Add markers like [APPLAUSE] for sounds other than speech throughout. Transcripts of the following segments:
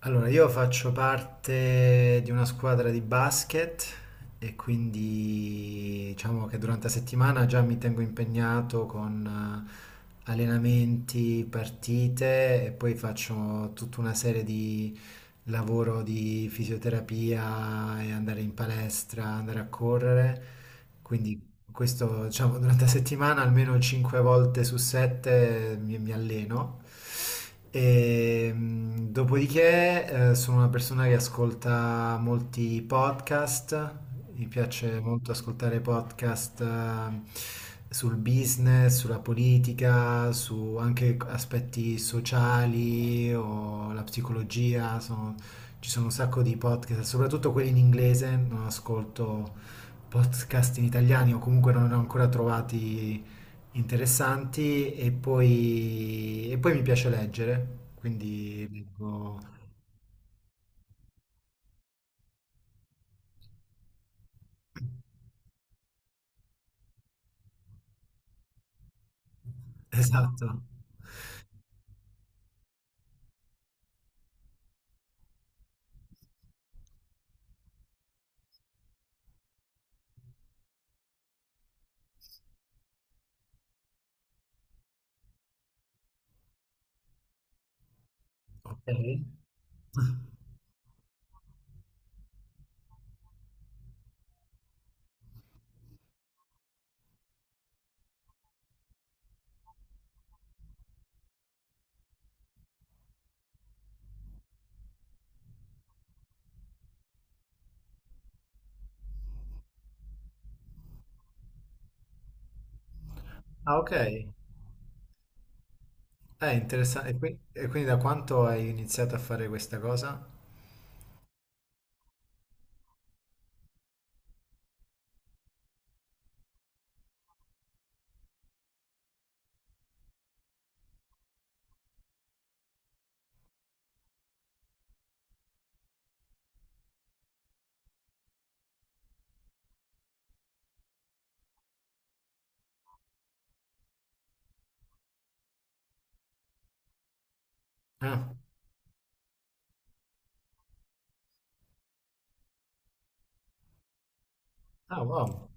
Allora, io faccio parte di una squadra di basket e quindi diciamo che durante la settimana già mi tengo impegnato con allenamenti, partite e poi faccio tutta una serie di lavoro di fisioterapia e andare in palestra, andare a correre. Quindi questo, diciamo, durante la settimana almeno 5 volte su 7 mi alleno. E, dopodiché, sono una persona che ascolta molti podcast. Mi piace molto ascoltare podcast, sul business, sulla politica, su anche aspetti sociali o la psicologia. Ci sono un sacco di podcast, soprattutto quelli in inglese, non ascolto podcast in italiani o comunque non ne ho ancora trovati interessanti e poi mi piace leggere, quindi leggo. Esatto. Ok. Ah, ok. È interessante. E quindi da quanto hai iniziato a fare questa cosa? Ah, ah, wow.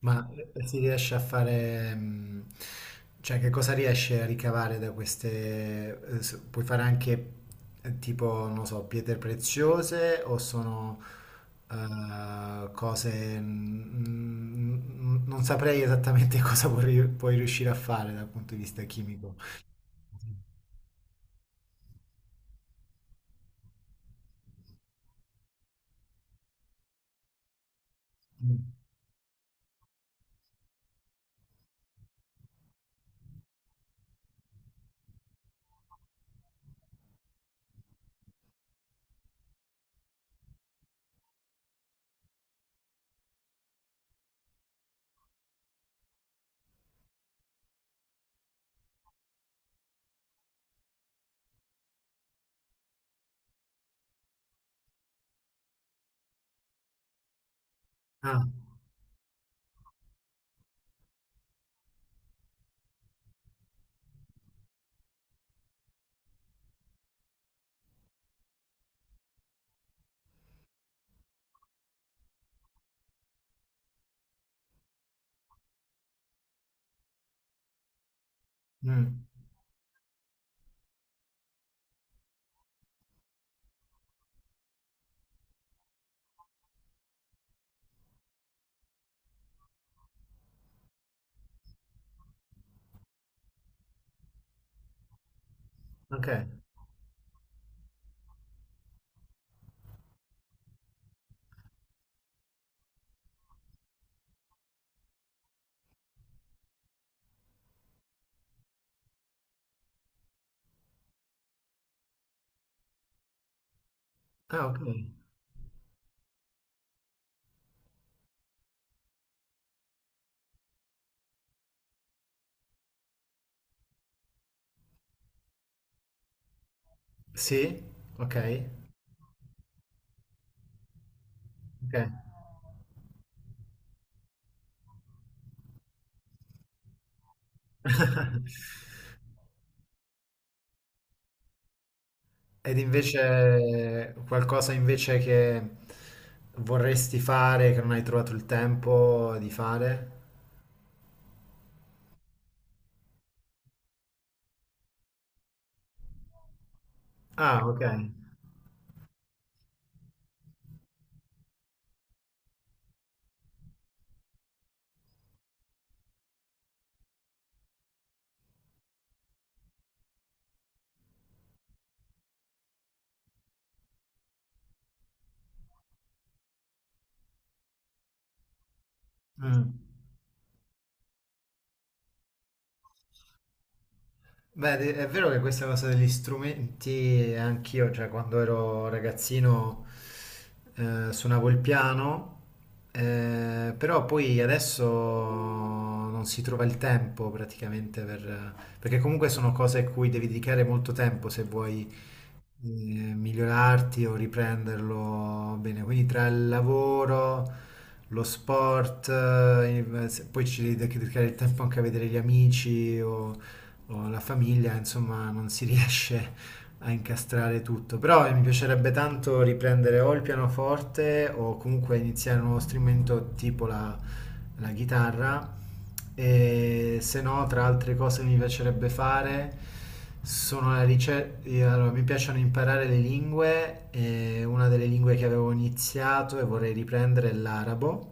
Ma si riesce a fare, cioè che cosa riesce a ricavare da queste, puoi fare anche tipo, non so, pietre preziose o sono cose, non saprei esattamente [LAUGHS] cosa puoi riuscire a fare dal punto di vista chimico. Mm. Ah, mm, ok, ah, ok, sì, ok, ok. [LAUGHS] Ed invece qualcosa invece che vorresti fare, che non hai trovato il tempo di fare? Ah, ok. Mm. Beh, è vero che questa cosa degli strumenti, anch'io, cioè quando ero ragazzino suonavo il piano, però poi adesso non si trova il tempo praticamente per, perché comunque sono cose a cui devi dedicare molto tempo se vuoi migliorarti o riprenderlo bene. Quindi tra il lavoro, lo sport, poi ci devi dedicare il tempo anche a vedere gli amici o la famiglia, insomma, non si [LAUGHS] riesce a incastrare tutto. Però mi piacerebbe tanto riprendere o il pianoforte o comunque iniziare un nuovo strumento tipo la chitarra. E se no, tra altre cose che mi piacerebbe fare sono la ricerca. Allora, mi piacciono imparare le lingue. E una delle lingue che avevo iniziato e vorrei riprendere è l'arabo.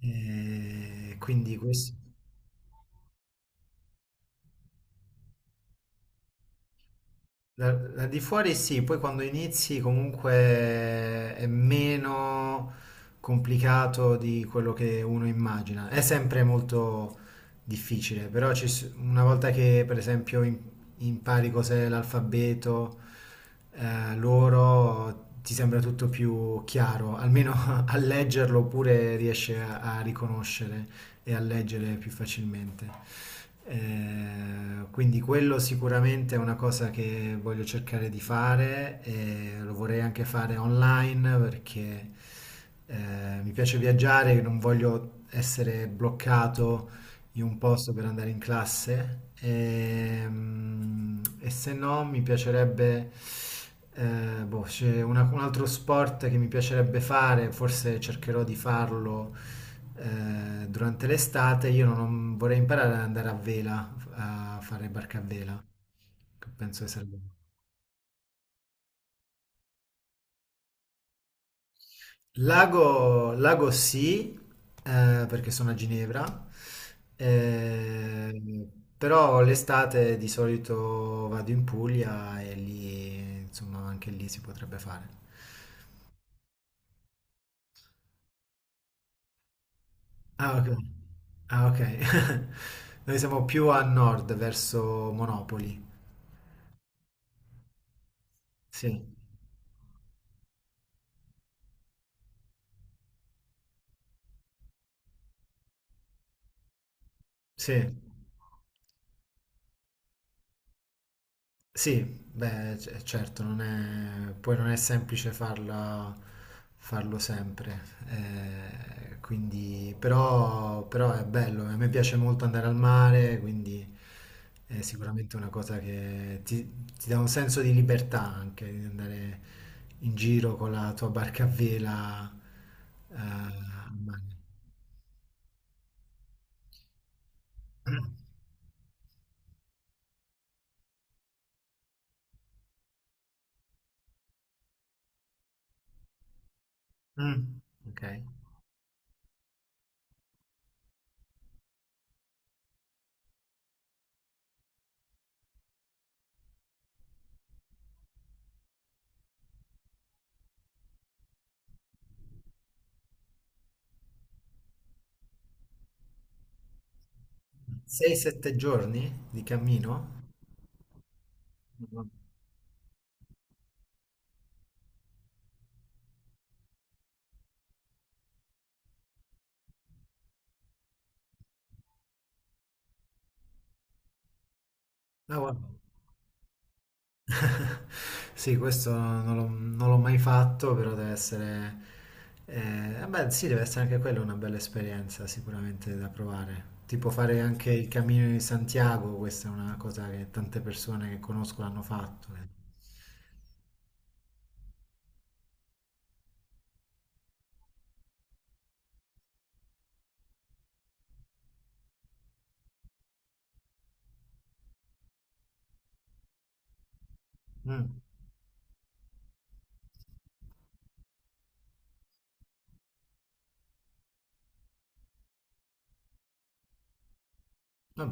E quindi questo. Da di fuori sì, poi quando inizi comunque è meno complicato di quello che uno immagina. È sempre molto difficile, però una volta che per esempio impari cos'è l'alfabeto, loro ti sembra tutto più chiaro, almeno [LAUGHS] a leggerlo oppure riesci a riconoscere e a leggere più facilmente. Quindi quello sicuramente è una cosa che voglio cercare di fare e lo vorrei anche fare online perché eh, mi piace viaggiare, non voglio essere bloccato in un posto per andare in classe e, se no mi piacerebbe, boh, c'è un altro sport che mi piacerebbe fare, forse cercherò di farlo durante l'estate, io non, vorrei imparare ad andare a vela, a fare barca a vela, che penso che sarebbe. Lago sì, perché sono a Ginevra, eh, però l'estate di solito vado in Puglia e lì, insomma, anche lì si potrebbe fare. Ah, ok. Ah, ok. [LAUGHS] Noi siamo più a nord, verso Monopoli. Sì, sì. Sì, beh, certo, non è, poi non è semplice farla, farlo sempre, quindi, però è bello, a me piace molto andare al mare, quindi è sicuramente una cosa che ti dà un senso di libertà anche, di andare in giro con la tua barca a vela, al mare. [CLEARS THROAT] Mm, ok. 6-7 giorni di cammino? No, guarda. Sì, questo non l'ho mai fatto, però deve essere, vabbè, sì, deve essere anche quella una bella esperienza sicuramente da provare. Tipo fare anche il Cammino di Santiago, questa è una cosa che tante persone che conosco hanno fatto. Mm. Vabbè.